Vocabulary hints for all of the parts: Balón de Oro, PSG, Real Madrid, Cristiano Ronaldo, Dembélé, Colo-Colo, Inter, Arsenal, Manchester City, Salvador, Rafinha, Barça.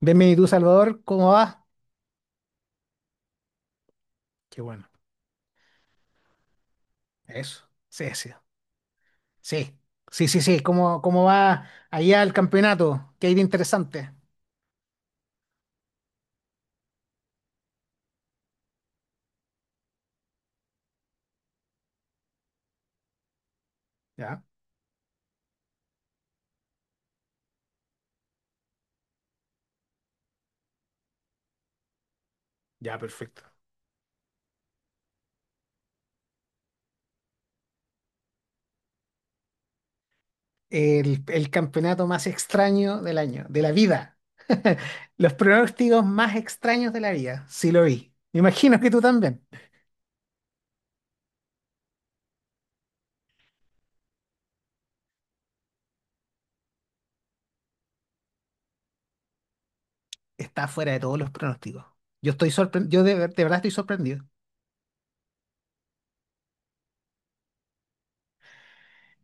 Venme tú, Salvador, ¿cómo va? Qué bueno, eso. Sí, sí, sí. ¿Cómo va allá el campeonato? ¿Qué hay de interesante? Ya, ya, perfecto. El campeonato más extraño del año, de la vida. Los pronósticos más extraños de la vida, sí lo vi. Me imagino que tú también. Está fuera de todos los pronósticos. Yo estoy sorprendido, de verdad estoy sorprendido.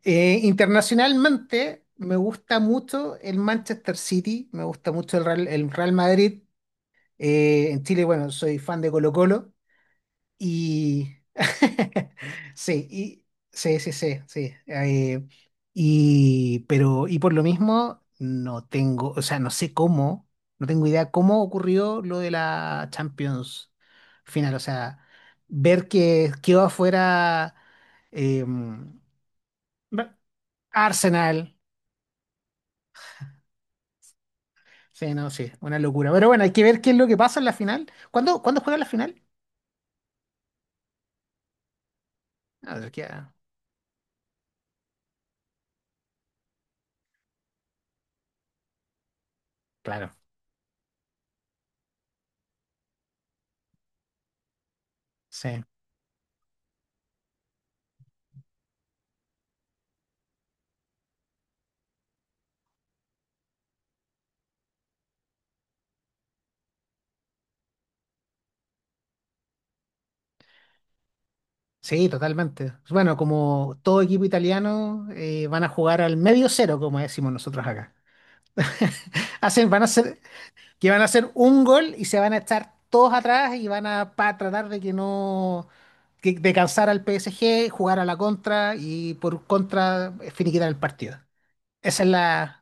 Internacionalmente, me gusta mucho el Manchester City, me gusta mucho el Real Madrid. En Chile, bueno, soy fan de Colo-Colo y... Sí, y... Sí. Y por lo mismo, no tengo, o sea, no sé cómo, no tengo idea cómo ocurrió lo de la Champions final. O sea, ver que quedó afuera eh, ve- Arsenal. Sí, no, sí, una locura. Pero bueno, hay que ver qué es lo que pasa en la final. ¿Cuándo juega la final? Ah, de aquí a- Claro. Sí. Sí, totalmente. Bueno, como todo equipo italiano, van a jugar al medio cero, como decimos nosotros acá. Hacen, van a hacer, que van a hacer un gol y se van a estar todos atrás y tratar de que no, que- de cansar al PSG, jugar a la contra y por contra finiquitar el partido. Esa es la...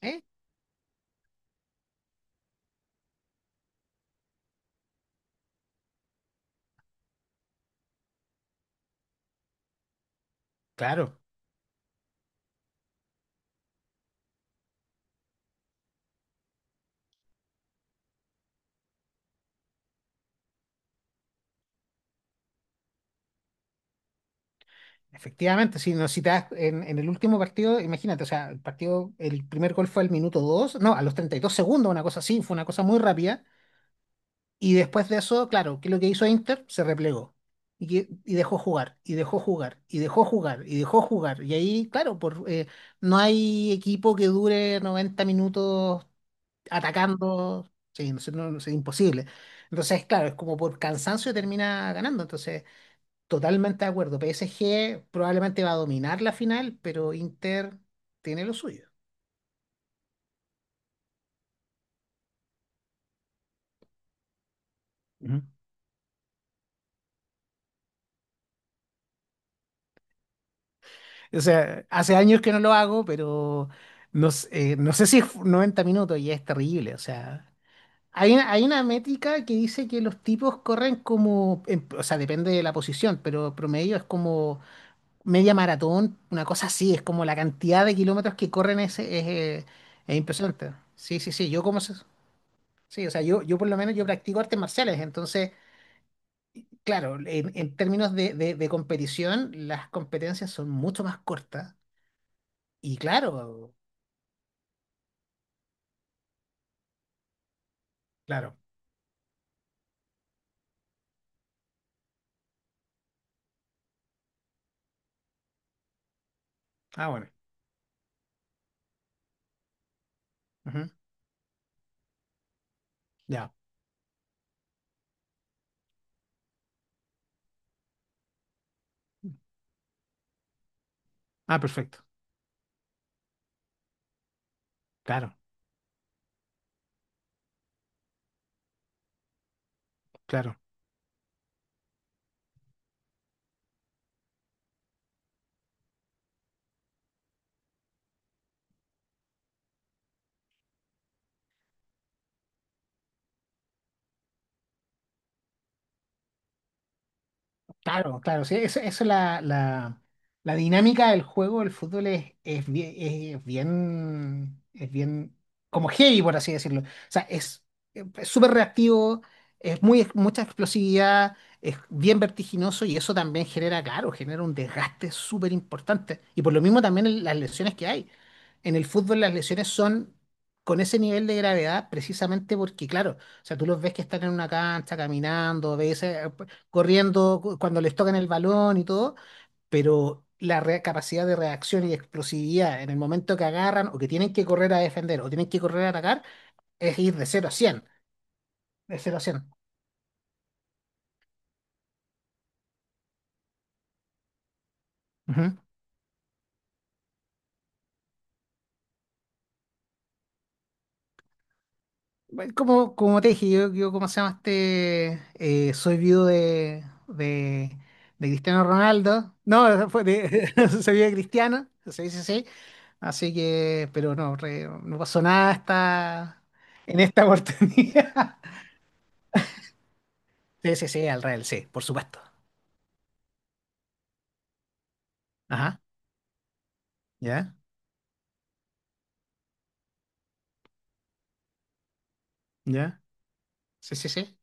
¿eh? Claro, efectivamente. Si, no, si te das- en el último partido, imagínate, o sea, el partido, el primer gol fue al minuto 2, no, a los 32 segundos, una cosa así, fue una cosa muy rápida. Y después de eso, claro, ¿qué es lo que hizo Inter? Se replegó y dejó jugar, y dejó jugar, y dejó jugar, y dejó jugar. Y ahí, claro, no hay equipo que dure 90 minutos atacando, no sé, imposible. Entonces, claro, es como por cansancio termina ganando. Entonces, totalmente de acuerdo. PSG probablemente va a dominar la final, pero Inter tiene lo suyo. Ujú. O sea, hace años que no lo hago, pero no sé si es 90 minutos y es terrible. O sea, hay una métrica que dice que los tipos corren como, o sea, depende de la posición, pero promedio es como media maratón, una cosa así, es como la cantidad de kilómetros que corren es es impresionante. Sí, o sea, yo por lo menos yo practico artes marciales, entonces, claro, en términos de competición, las competencias son mucho más cortas. Y claro, Claro. Ah, bueno. Ujú. Ya. Ah, perfecto. Claro, claro. Claro, claro, sí, eso la dinámica del juego del fútbol es bien como heavy, por así decirlo. O sea, es súper reactivo, mucha explosividad, es bien vertiginoso y eso también genera, claro, genera un desgaste súper importante. Y por lo mismo también las lesiones que hay. En el fútbol las lesiones son con ese nivel de gravedad precisamente porque, claro, o sea, tú los ves que están en una cancha caminando, ves, corriendo cuando les tocan el balón y todo, pero capacidad de reacción y explosividad en el momento que agarran o que tienen que correr a defender o tienen que correr a atacar es ir de cero a cien, de cero a cien. Ujú. Bueno, como como te dije, yo ¿cómo se llama este? Soy viudo de Cristiano Ronaldo. No, fue de, soy viudo de Cristiano, sí, sí, sí. Así que, pero no, no pasó nada hasta en esta oportunidad. Sí, sí, sí, al real, sí, por supuesto. Ajá, ya, ya. Sí, sí, sí.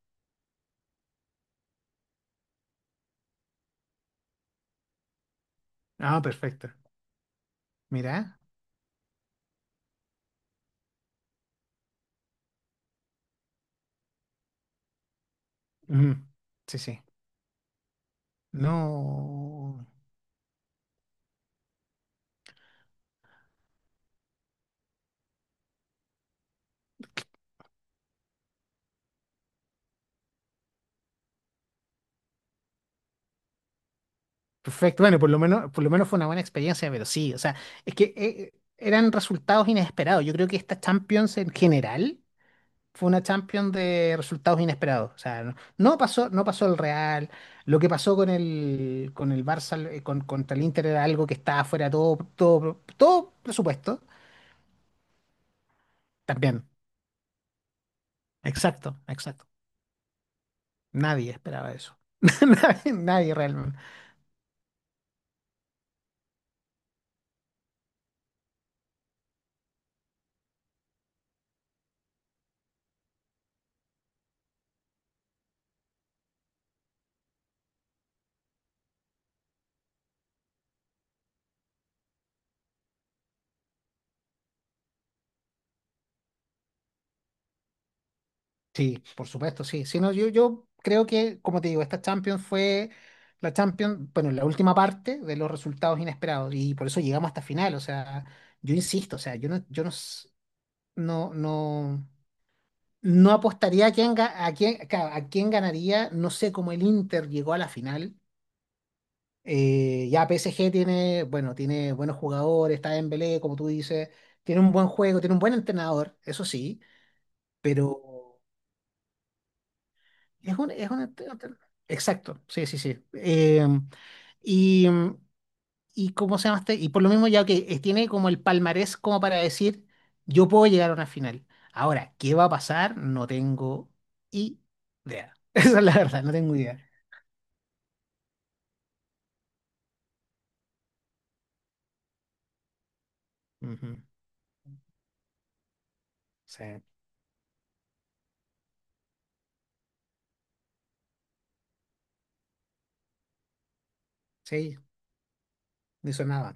Ah, perfecto. Mira. Ujú. Sí, sí. No. Perfecto. Bueno, por lo menos fue una buena experiencia, pero sí, o sea, es que eran resultados inesperados. Yo creo que esta Champions en general fue una Champions de resultados inesperados. O sea, no pasó, no pasó el Real. Lo que pasó con el Barça, contra el Inter era algo que estaba fuera de todo presupuesto. También. Exacto, exacto. Nadie esperaba eso. Nadie, nadie realmente. Sí, por supuesto, sí. Si no, yo creo que, como te digo, esta Champions fue la Champions, bueno, la última parte de los resultados inesperados y por eso llegamos hasta final. O sea, yo insisto, o sea, yo no, yo no, s- no, no, no apostaría a quién, ga- a quién, ca- a quién ganaría. No sé cómo el Inter llegó a la final. Ya PSG tiene, bueno, tiene buenos jugadores, está Dembélé, como tú dices, tiene un buen juego, tiene un buen entrenador, eso sí, pero es un, es un ent- exacto, sí, sí, sí. Y, y cómo se llama este? Y por lo mismo ya que tiene como el palmarés como para decir, yo puedo llegar a una final. Ahora, ¿qué va a pasar? No tengo idea. Esa es la verdad, no tengo idea. Ujú, Sí, sí, ni sonaba.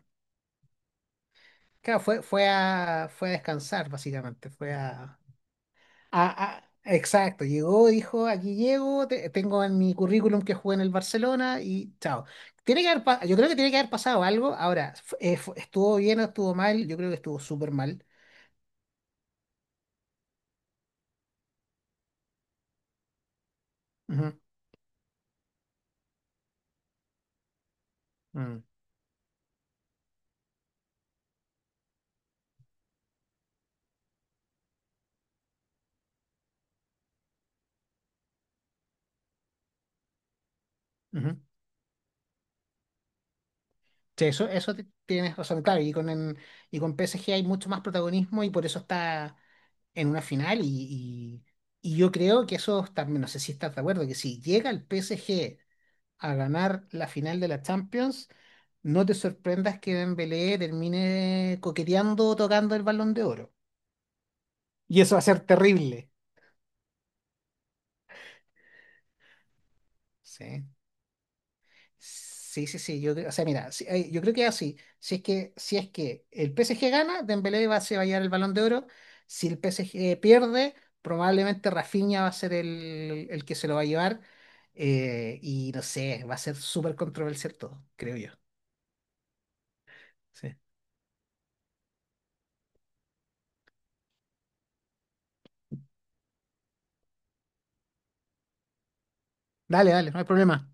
Claro, fue a descansar, básicamente. Fue a- Exacto, llegó, dijo, aquí llego, tengo en mi currículum que jugué en el Barcelona y chao. Tiene que haber, pa- Yo creo que tiene que haber pasado algo. Ahora, ¿estuvo bien o estuvo mal? Yo creo que estuvo súper mal. Ujú, mm, ujú. Sí, eso tienes razón, claro. Y con PSG hay mucho más protagonismo y por eso está en una final. Y yo creo que eso también, no sé si estás de acuerdo, que si llega el PSG a ganar la final de la Champions, no te sorprendas que Dembélé termine coqueteando o tocando el Balón de Oro. Y eso va a ser terrible. Sí. Sí, sí, sí, yo creo, o sea, mira, ay, yo creo que es así. Si es que el PSG gana, se va a llevar el Balón de Oro. Si el PSG pierde, probablemente Rafinha va a ser el que se lo va a llevar. Y no sé, va a ser súper controversial todo, creo yo. Sí. Dale, dale, no hay problema.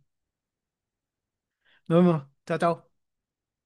Nos vemos. Chao, chao.